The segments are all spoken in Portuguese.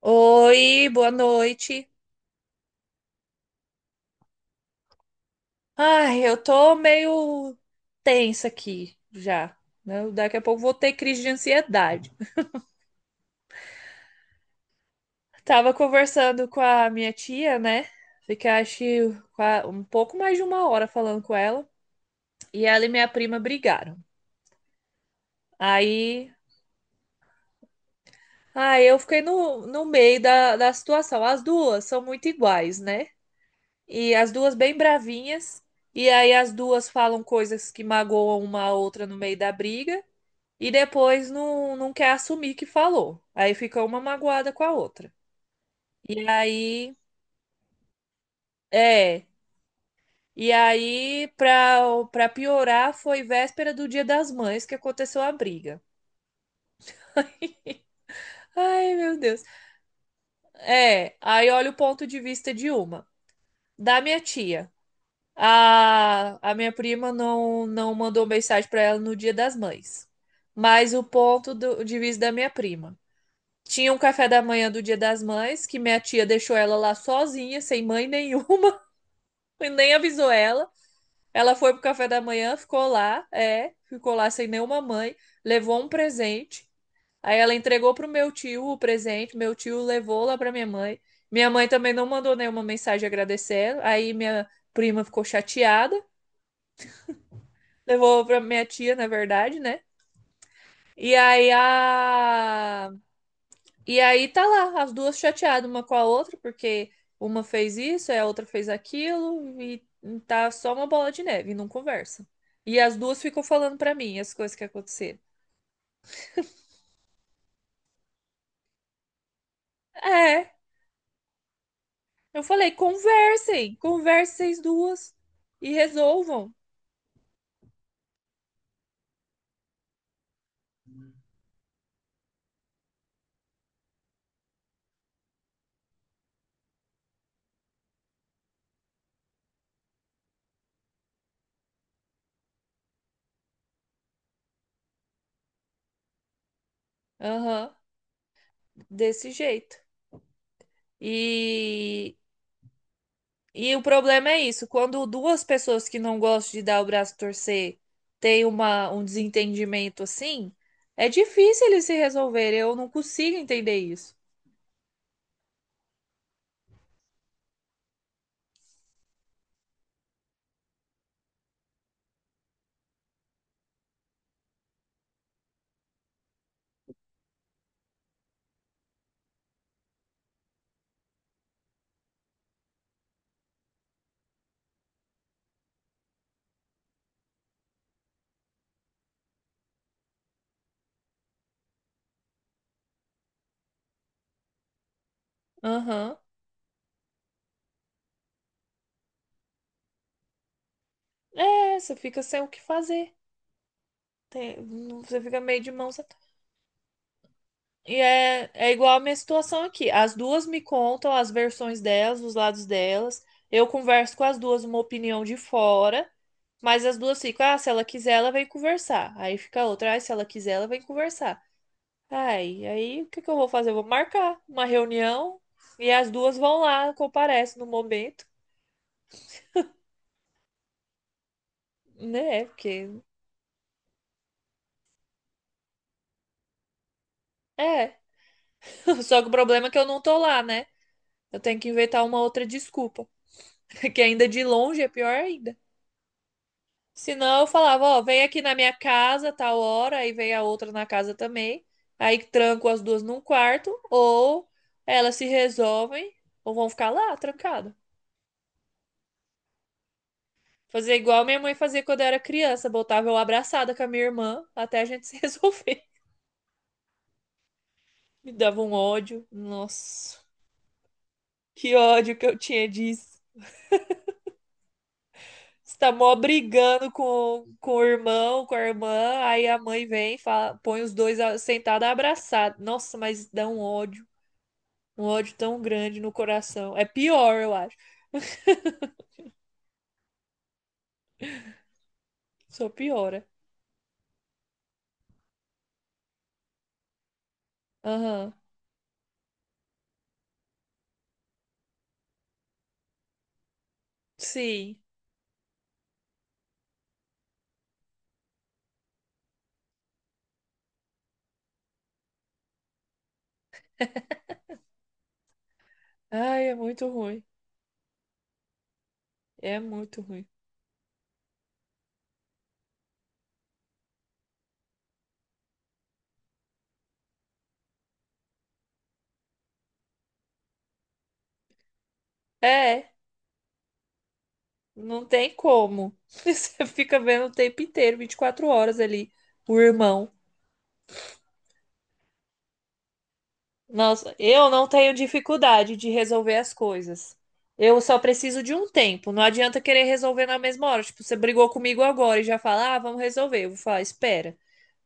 Oi, boa noite. Ai, eu tô meio tensa aqui já, né? Daqui a pouco vou ter crise de ansiedade. Tava conversando com a minha tia, né? Fiquei, acho que um pouco mais de 1 hora falando com ela. E ela e minha prima brigaram. Aí, aí eu fiquei no meio da situação. As duas são muito iguais, né? E as duas bem bravinhas. E aí as duas falam coisas que magoam uma a outra no meio da briga. E depois não quer assumir que falou. Aí fica uma magoada com a outra. E aí, é. E aí, pra piorar, foi véspera do Dia das Mães que aconteceu a briga. Ai, meu Deus. É, aí olha o ponto de vista de uma. Da minha tia. A minha prima não mandou mensagem pra ela no Dia das Mães. Mas o ponto de vista da minha prima. Tinha um café da manhã do Dia das Mães, que minha tia deixou ela lá sozinha, sem mãe nenhuma, e nem avisou ela. Ela foi pro café da manhã, ficou lá sem nenhuma mãe, levou um presente. Aí ela entregou pro meu tio o presente, meu tio levou lá pra minha mãe. Minha mãe também não mandou nenhuma mensagem agradecendo. Aí minha prima ficou chateada, levou pra minha tia, na verdade, né? E aí a E aí tá lá, as duas chateadas uma com a outra, porque uma fez isso, a outra fez aquilo, e tá só uma bola de neve, não conversa. E as duas ficam falando pra mim as coisas que aconteceram. É, eu falei, conversem, conversem vocês duas e resolvam. Aham, desse jeito. E E o problema é isso, quando duas pessoas que não gostam de dar o braço a torcer têm um desentendimento assim, é difícil eles se resolverem. Eu não consigo entender isso. Aham. É, você fica sem o que fazer. Tem- Você fica meio de mãos atadas. E é igual a minha situação aqui. As duas me contam as versões delas, os lados delas. Eu converso com as duas uma opinião de fora, mas as duas ficam, ah, se ela quiser, ela vem conversar. Aí fica a outra, ah, se ela quiser, ela vem conversar. Ai, aí o que que eu vou fazer? Eu vou marcar uma reunião e as duas vão lá, comparecem no momento, né? Porque é. Só que o problema é que eu não tô lá, né? Eu tenho que inventar uma outra desculpa, que ainda de longe é pior ainda. Senão eu falava, ó, vem aqui na minha casa tal hora, aí vem a outra na casa também. Aí tranco as duas num quarto ou elas se resolvem ou vão ficar lá trancadas. Fazer igual minha mãe fazia quando eu era criança, botava eu abraçada com a minha irmã até a gente se resolver. Me dava um ódio. Nossa, que ódio que eu tinha disso. Você tá mó brigando com o irmão, com a irmã, aí a mãe vem, e fala, põe os dois sentados abraçados. Nossa, mas dá um ódio tão grande no coração. É pior, eu acho. Só piora. Aham. Sim. Ai, é muito ruim. É muito ruim. É, não tem como. Você fica vendo o tempo inteiro, 24 horas ali, o irmão. Nossa, eu não tenho dificuldade de resolver as coisas. Eu só preciso de um tempo. Não adianta querer resolver na mesma hora. Tipo, você brigou comigo agora e já fala, ah, vamos resolver. Eu vou falar, espera.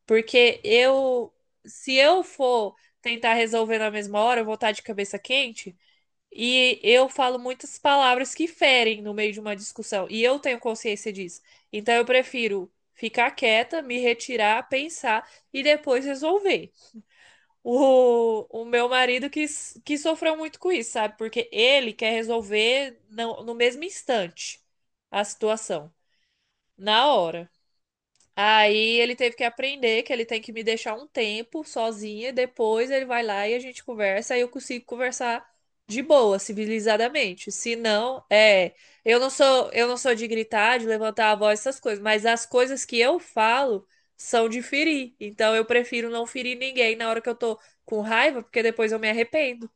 Porque eu, se eu for tentar resolver na mesma hora, eu vou estar de cabeça quente. E eu falo muitas palavras que ferem no meio de uma discussão. E eu tenho consciência disso. Então eu prefiro ficar quieta, me retirar, pensar e depois resolver. O meu marido que, que sofreu muito com isso, sabe? Porque ele quer resolver no mesmo instante a situação, na hora. Aí ele teve que aprender que ele tem que me deixar um tempo sozinha, depois ele vai lá e a gente conversa, aí eu consigo conversar de boa, civilizadamente. Se não, eu não sou de gritar, de levantar a voz, essas coisas, mas as coisas que eu falo são de ferir. Então eu prefiro não ferir ninguém na hora que eu tô com raiva, porque depois eu me arrependo,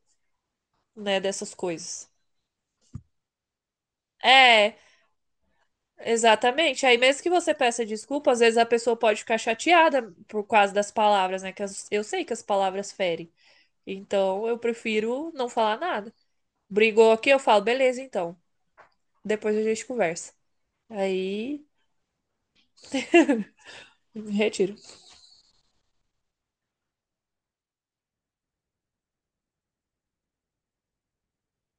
né, dessas coisas. É, exatamente. Aí, mesmo que você peça desculpa, às vezes a pessoa pode ficar chateada por causa das palavras, né? Que eu sei que as palavras ferem. Então, eu prefiro não falar nada. Brigou aqui, eu falo, beleza, então. Depois a gente conversa. Aí, me retiro.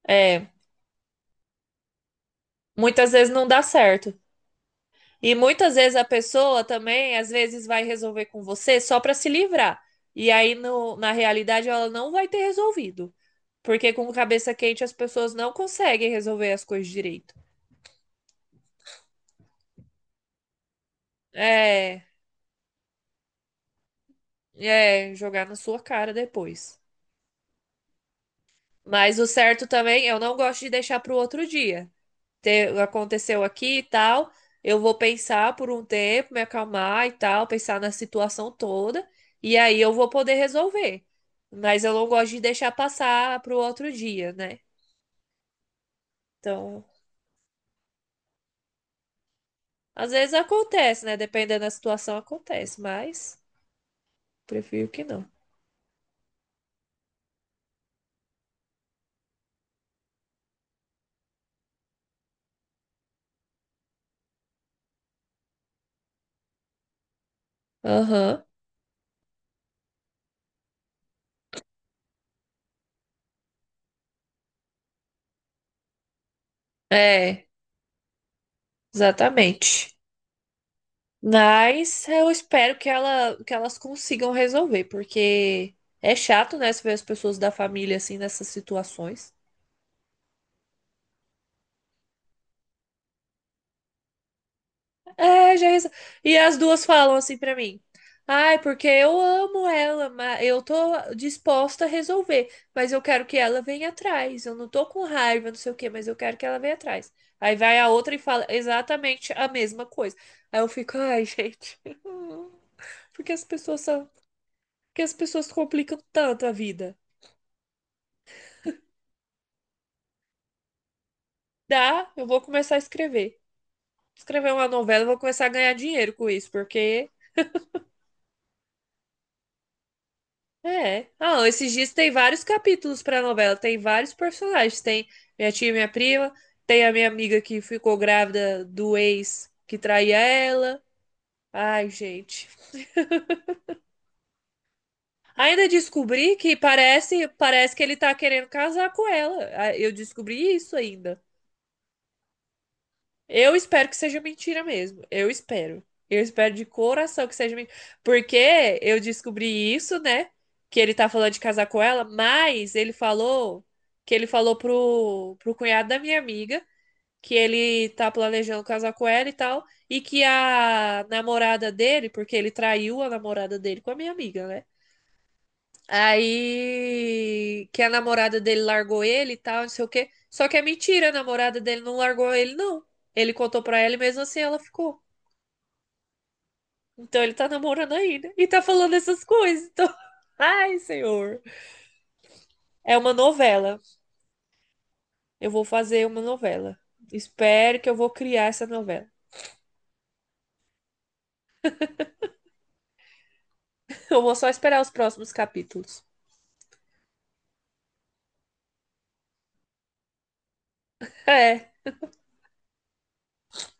É, muitas vezes não dá certo. E muitas vezes a pessoa também, às vezes, vai resolver com você só pra se livrar. E aí, na realidade, ela não vai ter resolvido. Porque com cabeça quente as pessoas não conseguem resolver as coisas direito. É, é, jogar na sua cara depois. Mas o certo também, eu não gosto de deixar pro outro dia. Aconteceu aqui e tal, eu vou pensar por um tempo, me acalmar e tal, pensar na situação toda, e aí eu vou poder resolver. Mas eu não gosto de deixar passar pro outro dia, né? Então, às vezes acontece, né? Dependendo da situação, acontece, mas prefiro que não. Aham, é, exatamente. Mas eu espero que que elas consigam resolver, porque é chato, né, se ver as pessoas da família assim nessas situações. É, já resol... E as duas falam assim pra mim: "Ai, porque eu amo ela, mas eu tô disposta a resolver, mas eu quero que ela venha atrás. Eu não tô com raiva, não sei o quê, mas eu quero que ela venha atrás." Aí vai a outra e fala exatamente a mesma coisa. Aí eu fico: "Ai, gente, por que as pessoas são, por que as pessoas complicam tanto a vida?" Dá, eu vou começar a escrever. Escrever uma novela, eu vou começar a ganhar dinheiro com isso, porque é. Ah, esses dias tem vários capítulos pra novela, tem vários personagens. Tem minha tia, e minha prima, tem a minha amiga que ficou grávida do ex que traía ela. Ai, gente. Ainda descobri que parece que ele tá querendo casar com ela. Ah, eu descobri isso ainda. Eu espero que seja mentira mesmo. Eu espero. Eu espero de coração que seja mentira. Porque eu descobri isso, né? Que ele tá falando de casar com ela, mas ele falou pro cunhado da minha amiga que ele tá planejando casar com ela e tal. E que a namorada dele, porque ele traiu a namorada dele com a minha amiga, né? Aí que a namorada dele largou ele e tal, não sei o quê. Só que é mentira, a namorada dele não largou ele, não. Ele contou pra ela e mesmo assim ela ficou. Então ele tá namorando ainda. E tá falando essas coisas. Então... Ai, senhor. É uma novela. Eu vou fazer uma novela. Espero que eu vou criar essa novela. Eu vou só esperar os próximos capítulos. É,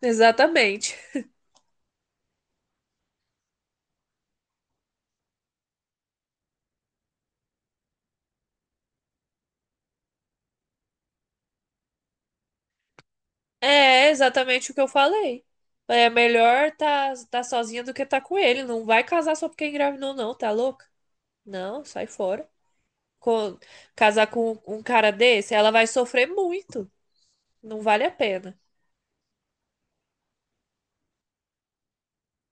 exatamente. É exatamente o que eu falei. É melhor tá sozinha do que tá com ele. Não vai casar só porque engravidou, não, tá louca? Não, sai fora. Co- casar com um cara desse, ela vai sofrer muito. Não vale a pena.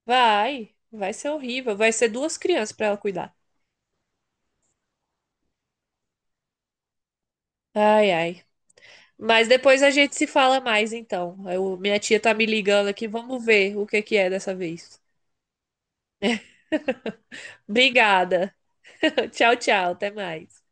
Vai ser horrível. Vai ser duas crianças pra ela cuidar. Ai, ai. Mas depois a gente se fala mais, então. Minha tia tá me ligando aqui. Vamos ver o que que é dessa vez. Obrigada. Tchau, tchau. Até mais.